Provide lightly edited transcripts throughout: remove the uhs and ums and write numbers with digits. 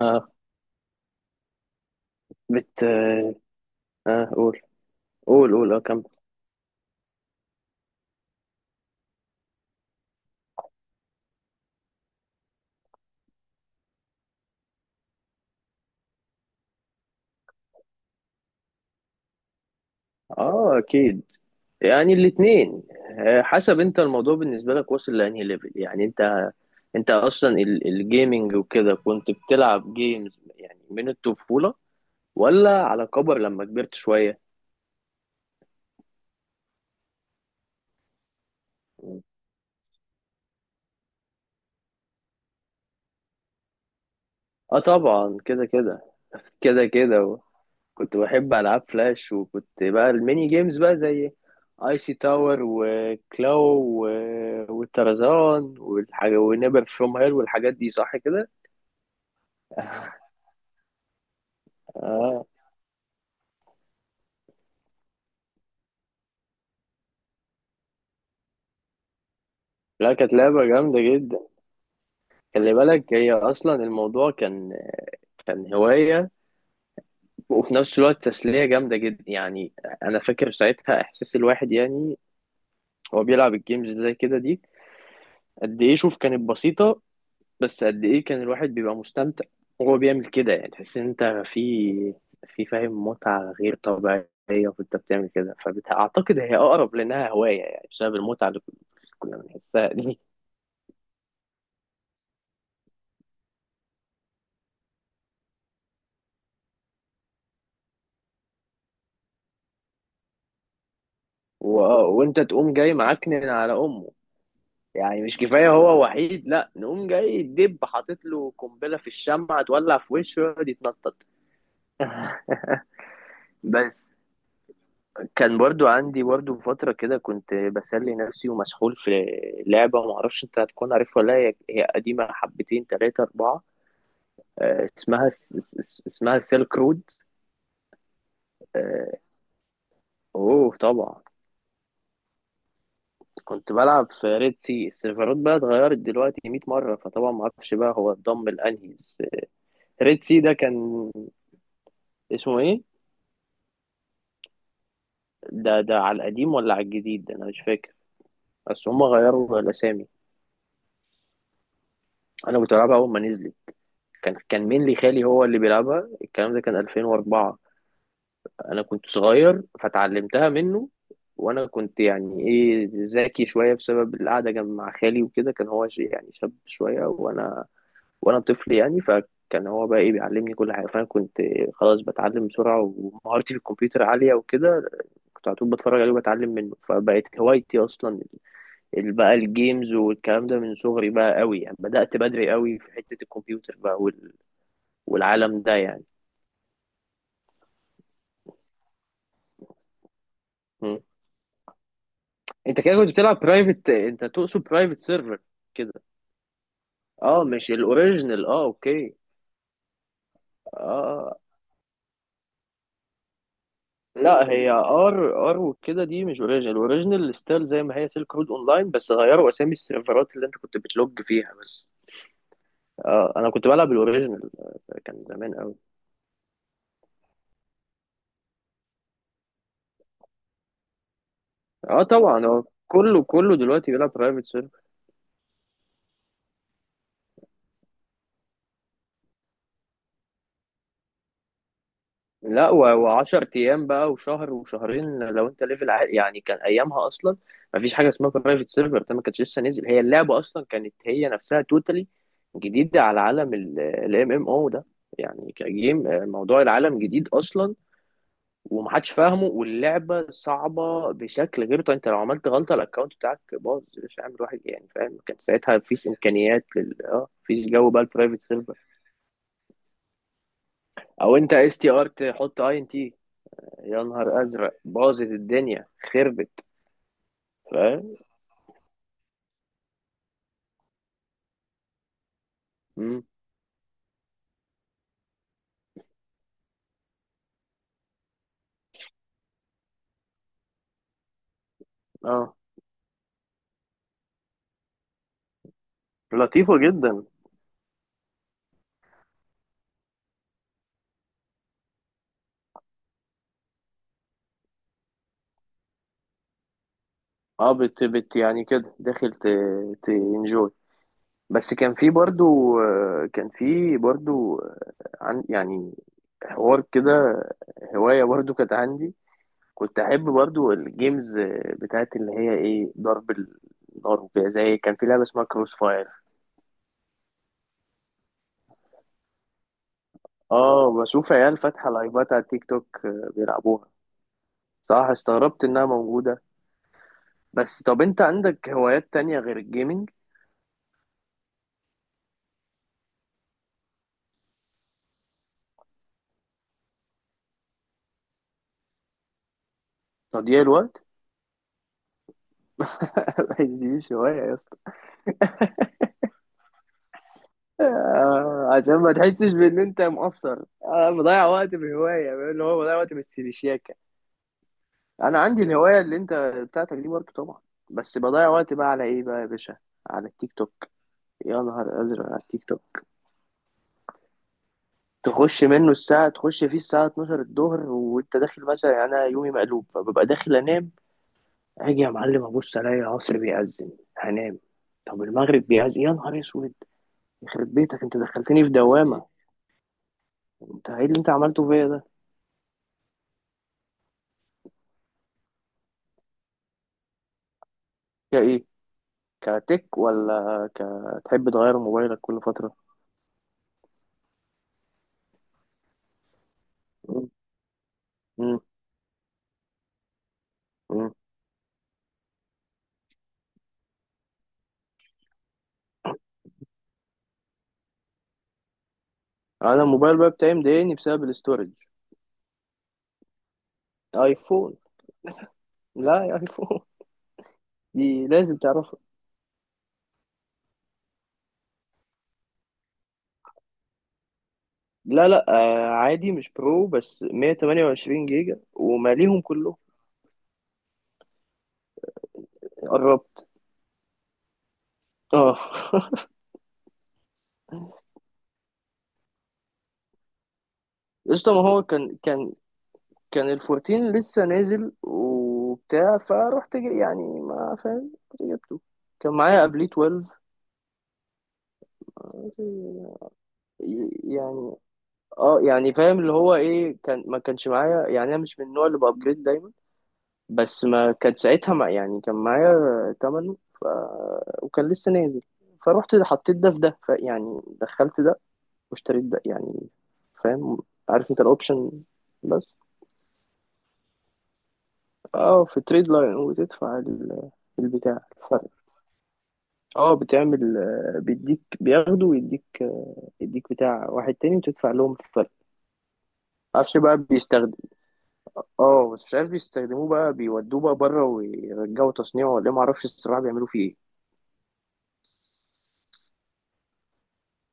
اه بت اه آه، قول، كمل. اه اكيد، يعني الاثنين. حسب انت الموضوع بالنسبه لك واصل لانهي ليفل، يعني انت اصلا الجيمنج وكده كنت بتلعب جيمز يعني من الطفوله، ولا على كبر لما كبرت شويه؟ اه طبعا، كده كده، كده كده. كنت بحب العاب فلاش، وكنت بقى الميني جيمز بقى زي اي سي تاور وكلاو والترزان والحاجه ونيبر فروم هيل والحاجات دي، صح كده. اه، لا كانت لعبه جامده جدا. خلي بالك هي اصلا الموضوع كان هوايه، وفي نفس الوقت تسليه جامده جدا يعني. انا فاكر ساعتها احساس الواحد يعني، هو بيلعب الجيمز زي كده دي قد ايه، شوف كانت بسيطه، بس قد ايه كان الواحد بيبقى مستمتع وهو بيعمل كده. يعني تحس ان انت في فاهم، متعة غير طبيعية وانت بتعمل كده. فاعتقد هي اقرب لانها هواية، يعني بسبب المتعة اللي كنا بنحسها دي. و... وانت تقوم جاي معكنن على امه، يعني مش كفاية هو وحيد، لا نقوم جاي دب حاطط له قنبلة في الشمعة تولع في وشه ويقعد يتنطط. بس كان برضو عندي برضو فترة كده كنت بسلي نفسي ومسحول في لعبة، معرفش انت هتكون عارفها ولا لا، هي قديمة حبتين تلاتة أربعة، اسمها اسمها سيلك رود. آه، اوه طبعا. كنت بلعب في ريد سي، السيرفرات بقى اتغيرت دلوقتي 100 مرة، فطبعا معرفش بقى هو اتضم لأنهي، بس. ريد سي ده كان اسمه ايه؟ ده على القديم ولا على الجديد؟ ده انا مش فاكر، بس هما غيروا الأسامي. انا كنت بلعبها أول ما نزلت، كان مين لي خالي هو اللي بيلعبها. الكلام ده كان 2004، انا كنت صغير فتعلمتها منه. وانا كنت يعني ايه ذكي شويه بسبب القعده جنب مع خالي وكده، كان هو يعني شاب شويه، وانا طفل يعني، فكان هو بقى ايه بيعلمني كل حاجه. فانا كنت خلاص بتعلم بسرعه ومهارتي في الكمبيوتر عاليه وكده، كنت على طول بتفرج عليه وبتعلم منه، فبقت هوايتي اصلا بقى الجيمز والكلام ده من صغري بقى. قوي يعني بدأت بدري قوي في حته الكمبيوتر بقى، والعالم ده يعني. مم. انت كده كنت بتلعب برايفت انت تقصد برايفت سيرفر كده؟ اه مش الاوريجينال، اه اوكي. اه اه. لا هي ار، ار وكده دي مش اوريجينال، الاوريجينال ستايل زي ما هي سيلك رود اونلاين، بس غيروا اسامي السيرفرات اللي انت كنت بتلوج فيها بس. اه انا كنت بلعب الاوريجينال، كان زمان قوي. اه طبعا، هو كله دلوقتي بيلعب برايفت سيرفر. لا وعشر ايام بقى وشهر وشهرين لو انت ليفل عالي يعني، كان ايامها اصلا ما فيش حاجه اسمها برايفت سيرفر، ده ما كانش لسه نزل. هي اللعبه اصلا كانت هي نفسها توتالي جديده على عالم الام ام او ده، يعني كجيم آه، موضوع العالم جديد اصلا ومحدش فاهمه، واللعبه صعبه بشكل غير طبيعي. انت لو عملت غلطه الاكونت بتاعك باظ، مش عامل واحد يعني، فاهم. كان ساعتها مفيش امكانيات لل اه، مفيش جو بقى البرايفت سيرفر. او انت اس تي ار تحط اي ان تي، يا نهار ازرق باظت الدنيا، خربت. فاهم. مم. اه، لطيفه جدا. اه بت يعني كده داخل تنجوي. بس كان في برضو كان في برضو آه، عن يعني حوار كده، هوايه برضو كانت عندي. كنت احب برضو الجيمز آه، بتاعت اللي هي ايه ضرب النار وكده، زي كان في لعبه اسمها كروس فاير. اه بشوف عيال فاتحه لايفات على تيك توك بيلعبوها. صح، استغربت انها موجوده. بس طب انت عندك هوايات تانية غير الجيمنج؟ تضييع الوقت؟ دي هواية يا اسطى! عشان ما تحسش بان انت مقصر، انا بضيع وقت بهواية، اللي هو بضيع وقت بالسيبشياكة. انا عندي الهواية اللي انت بتاعتك دي برضه طبعا، بس بضيع وقت بقى على ايه بقى يا باشا؟ على التيك توك. يا نهار ازرق، على التيك توك. تخش فيه الساعة 12 الظهر وانت داخل مثلا يعني، انا يومي مقلوب فببقى داخل انام. اجي يا معلم ابص الاقي العصر بيأذن، هنام. طب المغرب بيأذن، يا نهار اسود، يخرب بيتك انت دخلتني في دوامة. انت ايه اللي انت عملته فيا ده؟ يا ايه، كتك ولا كتحب تغير موبايلك كل فترة؟ مم. مم. مم. انا الموبايل بقى بتاعي مضايقني بسبب الاستورج. ايفون. لا يا ايفون. دي لازم تعرفها. لا لا، آه عادي مش برو، بس 128 جيجا وماليهم كلهم. قربت. اه. قشطة، ما هو كان كان الفورتين لسه نازل وبتاع، فروحت يعني ما فاهم رحت جبته. كان معايا قبليه 12، يعني. اه يعني فاهم، اللي هو ايه، كان ما كانش معايا يعني، انا مش من النوع اللي بابجريد دايما. بس ما كان ساعتها ما يعني، كان معايا تمنه وكان لسه نازل، فروحت حطيت ده في ده يعني دخلت ده واشتريت ده يعني. فاهم، عارف انت الاوبشن. بس اه، في تريد لاين وتدفع البتاع، الفرق. اه بتعمل آه، بيديك بياخده ويديك آه، يديك بتاع واحد تاني، وتدفع لهم الفرق. معرفش بقى بيستخدم، اه بس مش عارف بيستخدموه بقى، بيودوه بقى بره ويرجعوا تصنيعه ولا إيه، معرفش الصراحة بيعملوا فيه ايه.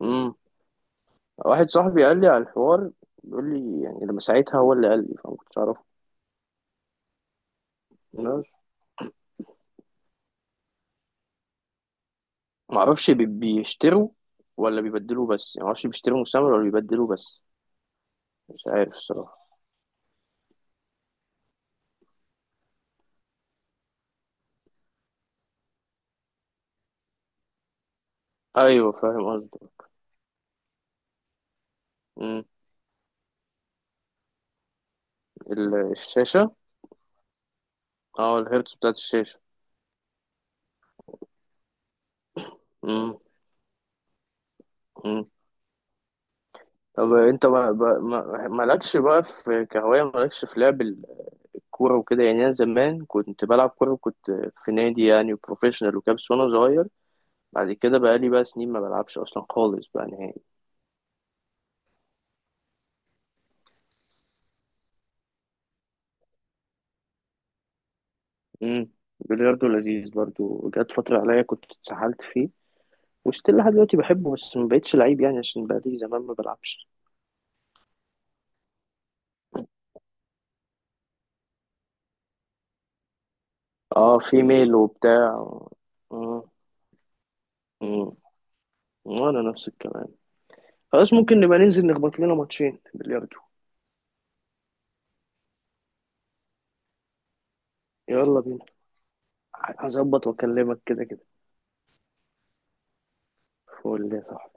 امم. واحد صاحبي قال لي على الحوار، بيقول لي يعني لما ساعتها هو اللي قال لي، فما كنتش اعرفه. الناس معرفش بيشتروا ولا بيبدلوه بس، يعني معرفش بيشتروا مستعمل ولا بيبدلوه بس. مش عارف الصراحة. ايوه فاهم قصدي. امم. الشاشة. اه الهيرتز بتاعت الشاشة. امم. طب انت مالكش بقى في كهواية، مالكش في لعب الكورة وكده يعني؟ انا زمان كنت بلعب كورة وكنت في نادي يعني بروفيشنال وكده، بس وانا صغير. بعد كده بقى لي بقى سنين ما بلعبش اصلا خالص بقى نهائي. امم. بلياردو لذيذ برضو، جت فترة عليا كنت اتسحلت فيه، وستيل لحد دلوقتي بحبه، بس ما بقتش لعيب يعني عشان بقى لي زمان ما بلعبش. اه في ميل وبتاع. امم. امم. وانا نفس الكلام، خلاص ممكن نبقى ننزل نخبط لنا ماتشين بلياردو. يلا بينا. هظبط واكلمك كده كده. فقول لي صح.